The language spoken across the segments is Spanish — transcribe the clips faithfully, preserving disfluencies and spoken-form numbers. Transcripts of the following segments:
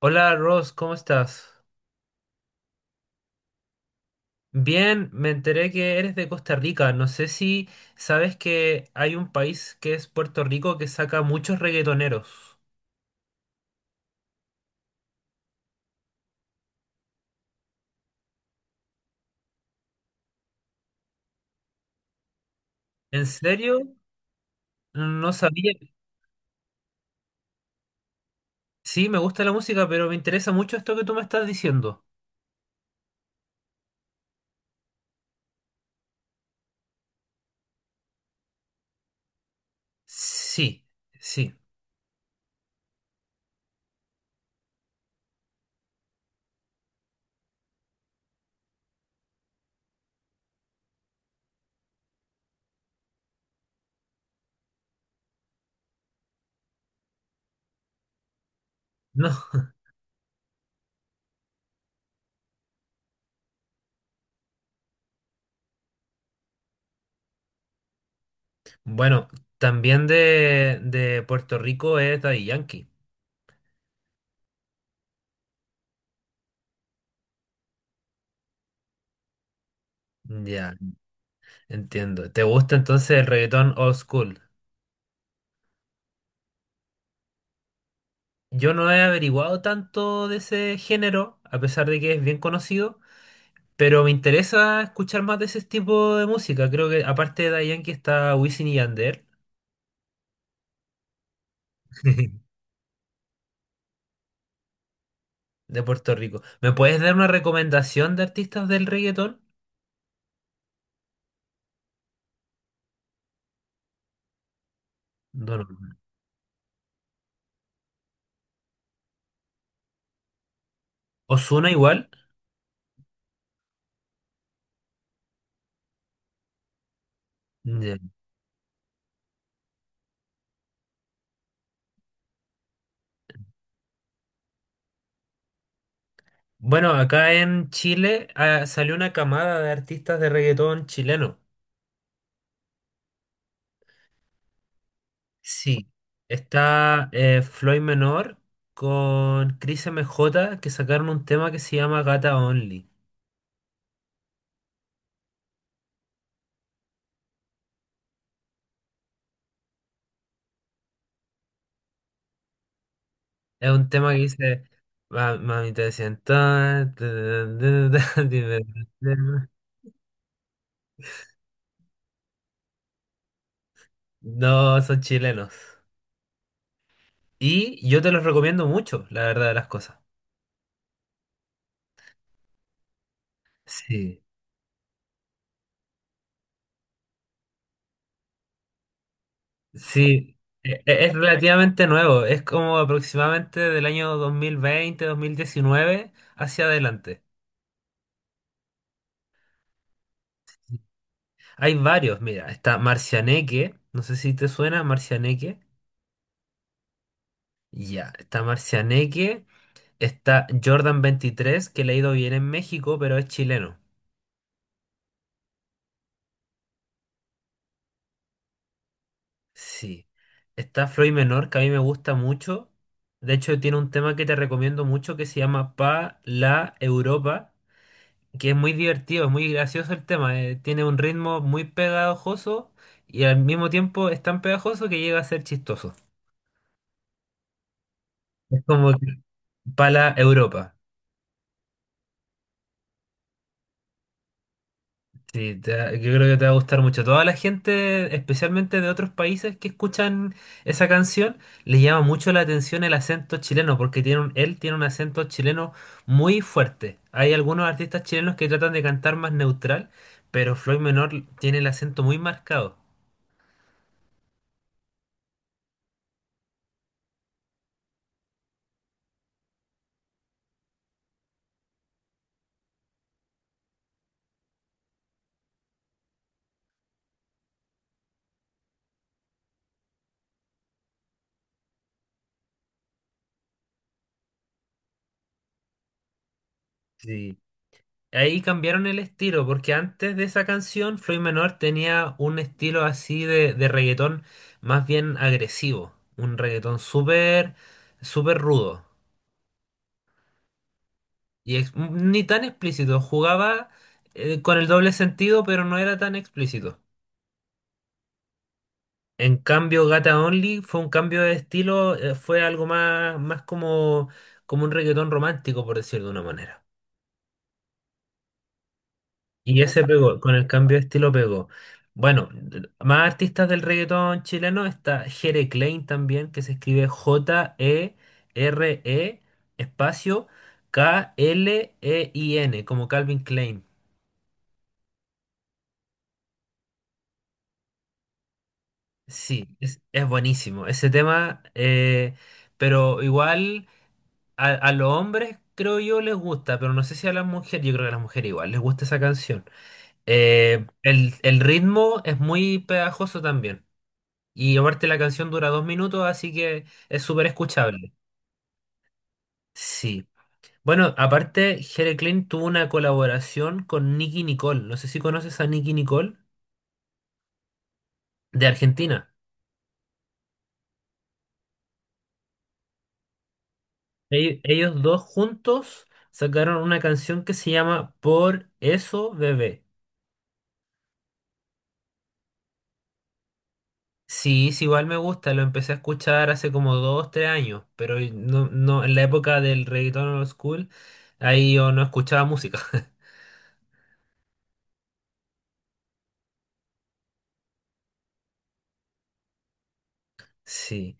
Hola, Ross, ¿cómo estás? Bien, me enteré que eres de Costa Rica. No sé si sabes que hay un país que es Puerto Rico que saca muchos reggaetoneros. ¿En serio? No sabía. Sí, me gusta la música, pero me interesa mucho esto que tú me estás diciendo. Sí, sí. No. Bueno, también de, de Puerto Rico es Daddy Yankee. Ya, entiendo. ¿Te gusta entonces el reggaetón old school? Yo no he averiguado tanto de ese género, a pesar de que es bien conocido, pero me interesa escuchar más de ese tipo de música. Creo que aparte de Daddy que está Wisin y Yandel de Puerto Rico. ¿Me puedes dar una recomendación de artistas del reggaetón? Bueno, Ozuna igual. Ya. Bueno, acá en Chile ah, salió una camada de artistas de reggaetón chileno. Sí, está eh, Floyd Menor con Chris M J que sacaron un tema que se llama Gata Only. Es un tema que dice: "Ma- mami te siento, tan, tan, tan, tan, dime tu tema". No, son chilenos. Y yo te los recomiendo mucho, la verdad de las cosas. Sí, sí, e- e- es relativamente nuevo, es como aproximadamente del año dos dos mil veinte, dos mil diecinueve hacia adelante. Hay varios, mira, está Marcianeque, no sé si te suena Marcianeque. Ya, está Marcianeque, está Jordan veintitrés que le ha ido bien en México, pero es chileno. Sí. Está Floyd Menor, que a mí me gusta mucho. De hecho, tiene un tema que te recomiendo mucho que se llama Pa la Europa, que es muy divertido, es muy gracioso el tema. eh, Tiene un ritmo muy pegajoso y al mismo tiempo es tan pegajoso que llega a ser chistoso. Es como que Pa la Europa. Sí, te va- yo creo que te va a gustar mucho. Toda la gente, especialmente de otros países que escuchan esa canción, les llama mucho la atención el acento chileno, porque tiene un- él tiene un acento chileno muy fuerte. Hay algunos artistas chilenos que tratan de cantar más neutral, pero Floyd Menor tiene el acento muy marcado. Sí. Ahí cambiaron el estilo, porque antes de esa canción, Floyd Menor tenía un estilo así de, de reggaetón más bien agresivo, un reggaetón súper, súper rudo. Y ex- ni tan explícito, jugaba eh, con el doble sentido, pero no era tan explícito. En cambio, Gata Only fue un cambio de estilo, eh, fue algo más, más como, como un reggaetón romántico, por decirlo de una manera. Y ese pegó, con el cambio de estilo pegó. Bueno, más artistas del reggaetón chileno está Jere Klein también, que se escribe J E R E espacio K L E I N, como Calvin Klein. Sí, es, es buenísimo ese tema, eh, pero igual a, a los hombres creo yo les gusta, pero no sé si a las mujeres, yo creo que a las mujeres igual les gusta esa canción. Eh, el, el ritmo es muy pegajoso también y aparte la canción dura dos minutos, así que es súper escuchable. Sí. Bueno, aparte, Jere Klein tuvo una colaboración con Nicki Nicole, no sé si conoces a Nicki Nicole de Argentina. Ell- Ellos dos juntos sacaron una canción que se llama Por eso bebé. Sí, sí, igual me gusta, lo empecé a escuchar hace como dos, tres años, pero no, no, en la época del reggaetón old school, ahí yo no escuchaba música. Sí.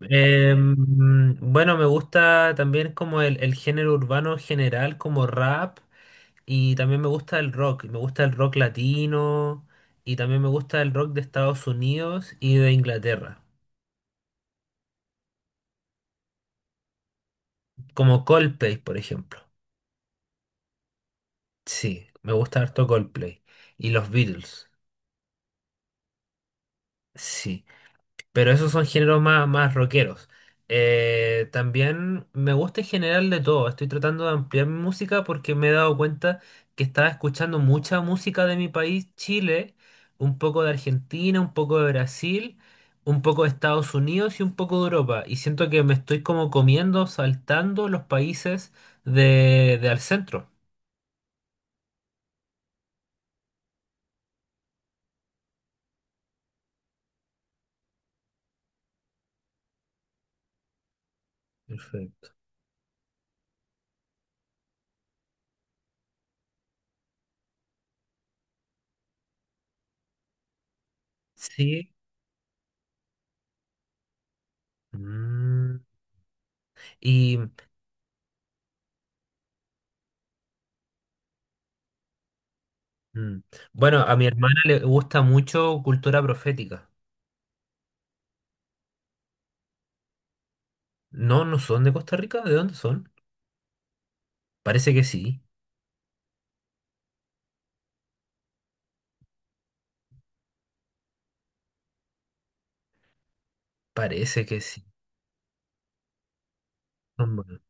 Em, bueno, me gusta también como el, el género urbano en general, como rap, y también me gusta el rock, me gusta el rock latino, y también me gusta el rock de Estados Unidos y de Inglaterra. Como Coldplay, por ejemplo. Sí, me gusta harto Coldplay. Y los Beatles. Sí. Pero esos son géneros más, más rockeros. Eh, también me gusta en general de todo. Estoy tratando de ampliar mi música porque me he dado cuenta que estaba escuchando mucha música de mi país, Chile, un poco de Argentina, un poco de Brasil, un poco de Estados Unidos y un poco de Europa. Y siento que me estoy como comiendo, saltando los países de, de al centro. Perfecto. Sí. Mm. Y mm, bueno, a mi hermana le gusta mucho cultura profética. No, no son de Costa Rica, ¿de dónde son? Parece que sí, parece que sí. Son buenos.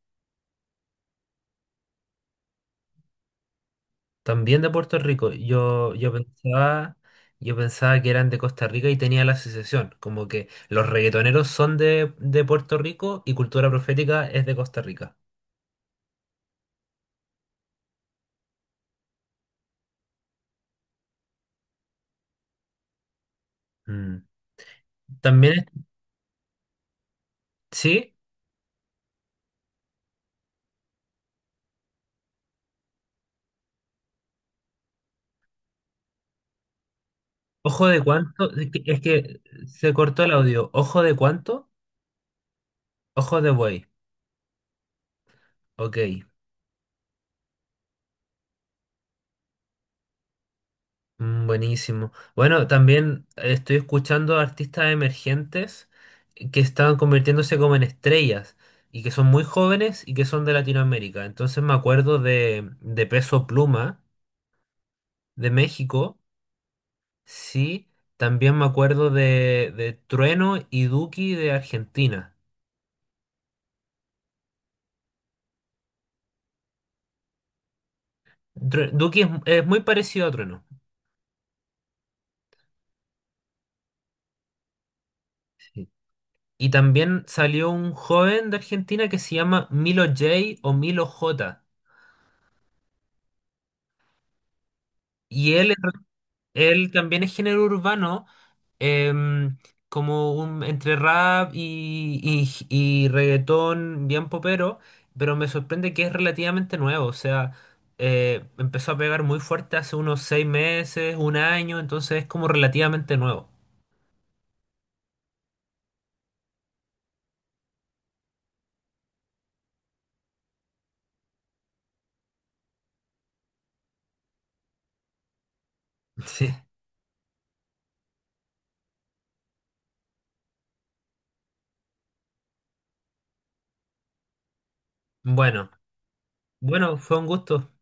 También de Puerto Rico. Yo, yo pensaba, yo pensaba que eran de Costa Rica y tenía la asociación, como que los reggaetoneros son de, de Puerto Rico y cultura profética es de Costa Rica. Mm. También, es- sí, ojo de cuánto, es que es que se cortó el audio. Ojo de cuánto, ojo de buey. Ok, mm, buenísimo. Bueno, también estoy escuchando artistas emergentes que están convirtiéndose como en estrellas y que son muy jóvenes y que son de Latinoamérica. Entonces me acuerdo de, de Peso Pluma de México, sí. También me acuerdo de, de Trueno y Duki de Argentina. True- Duki es, es muy parecido a Trueno. Sí. Y también salió un joven de Argentina que se llama Milo J o Milo J. Y él Él también es género urbano, em, como un, entre rap y, y, y reggaetón bien popero, pero me sorprende que es relativamente nuevo, o sea, eh, empezó a pegar muy fuerte hace unos seis meses, un año, entonces es como relativamente nuevo. Sí. Bueno, bueno, fue un gusto.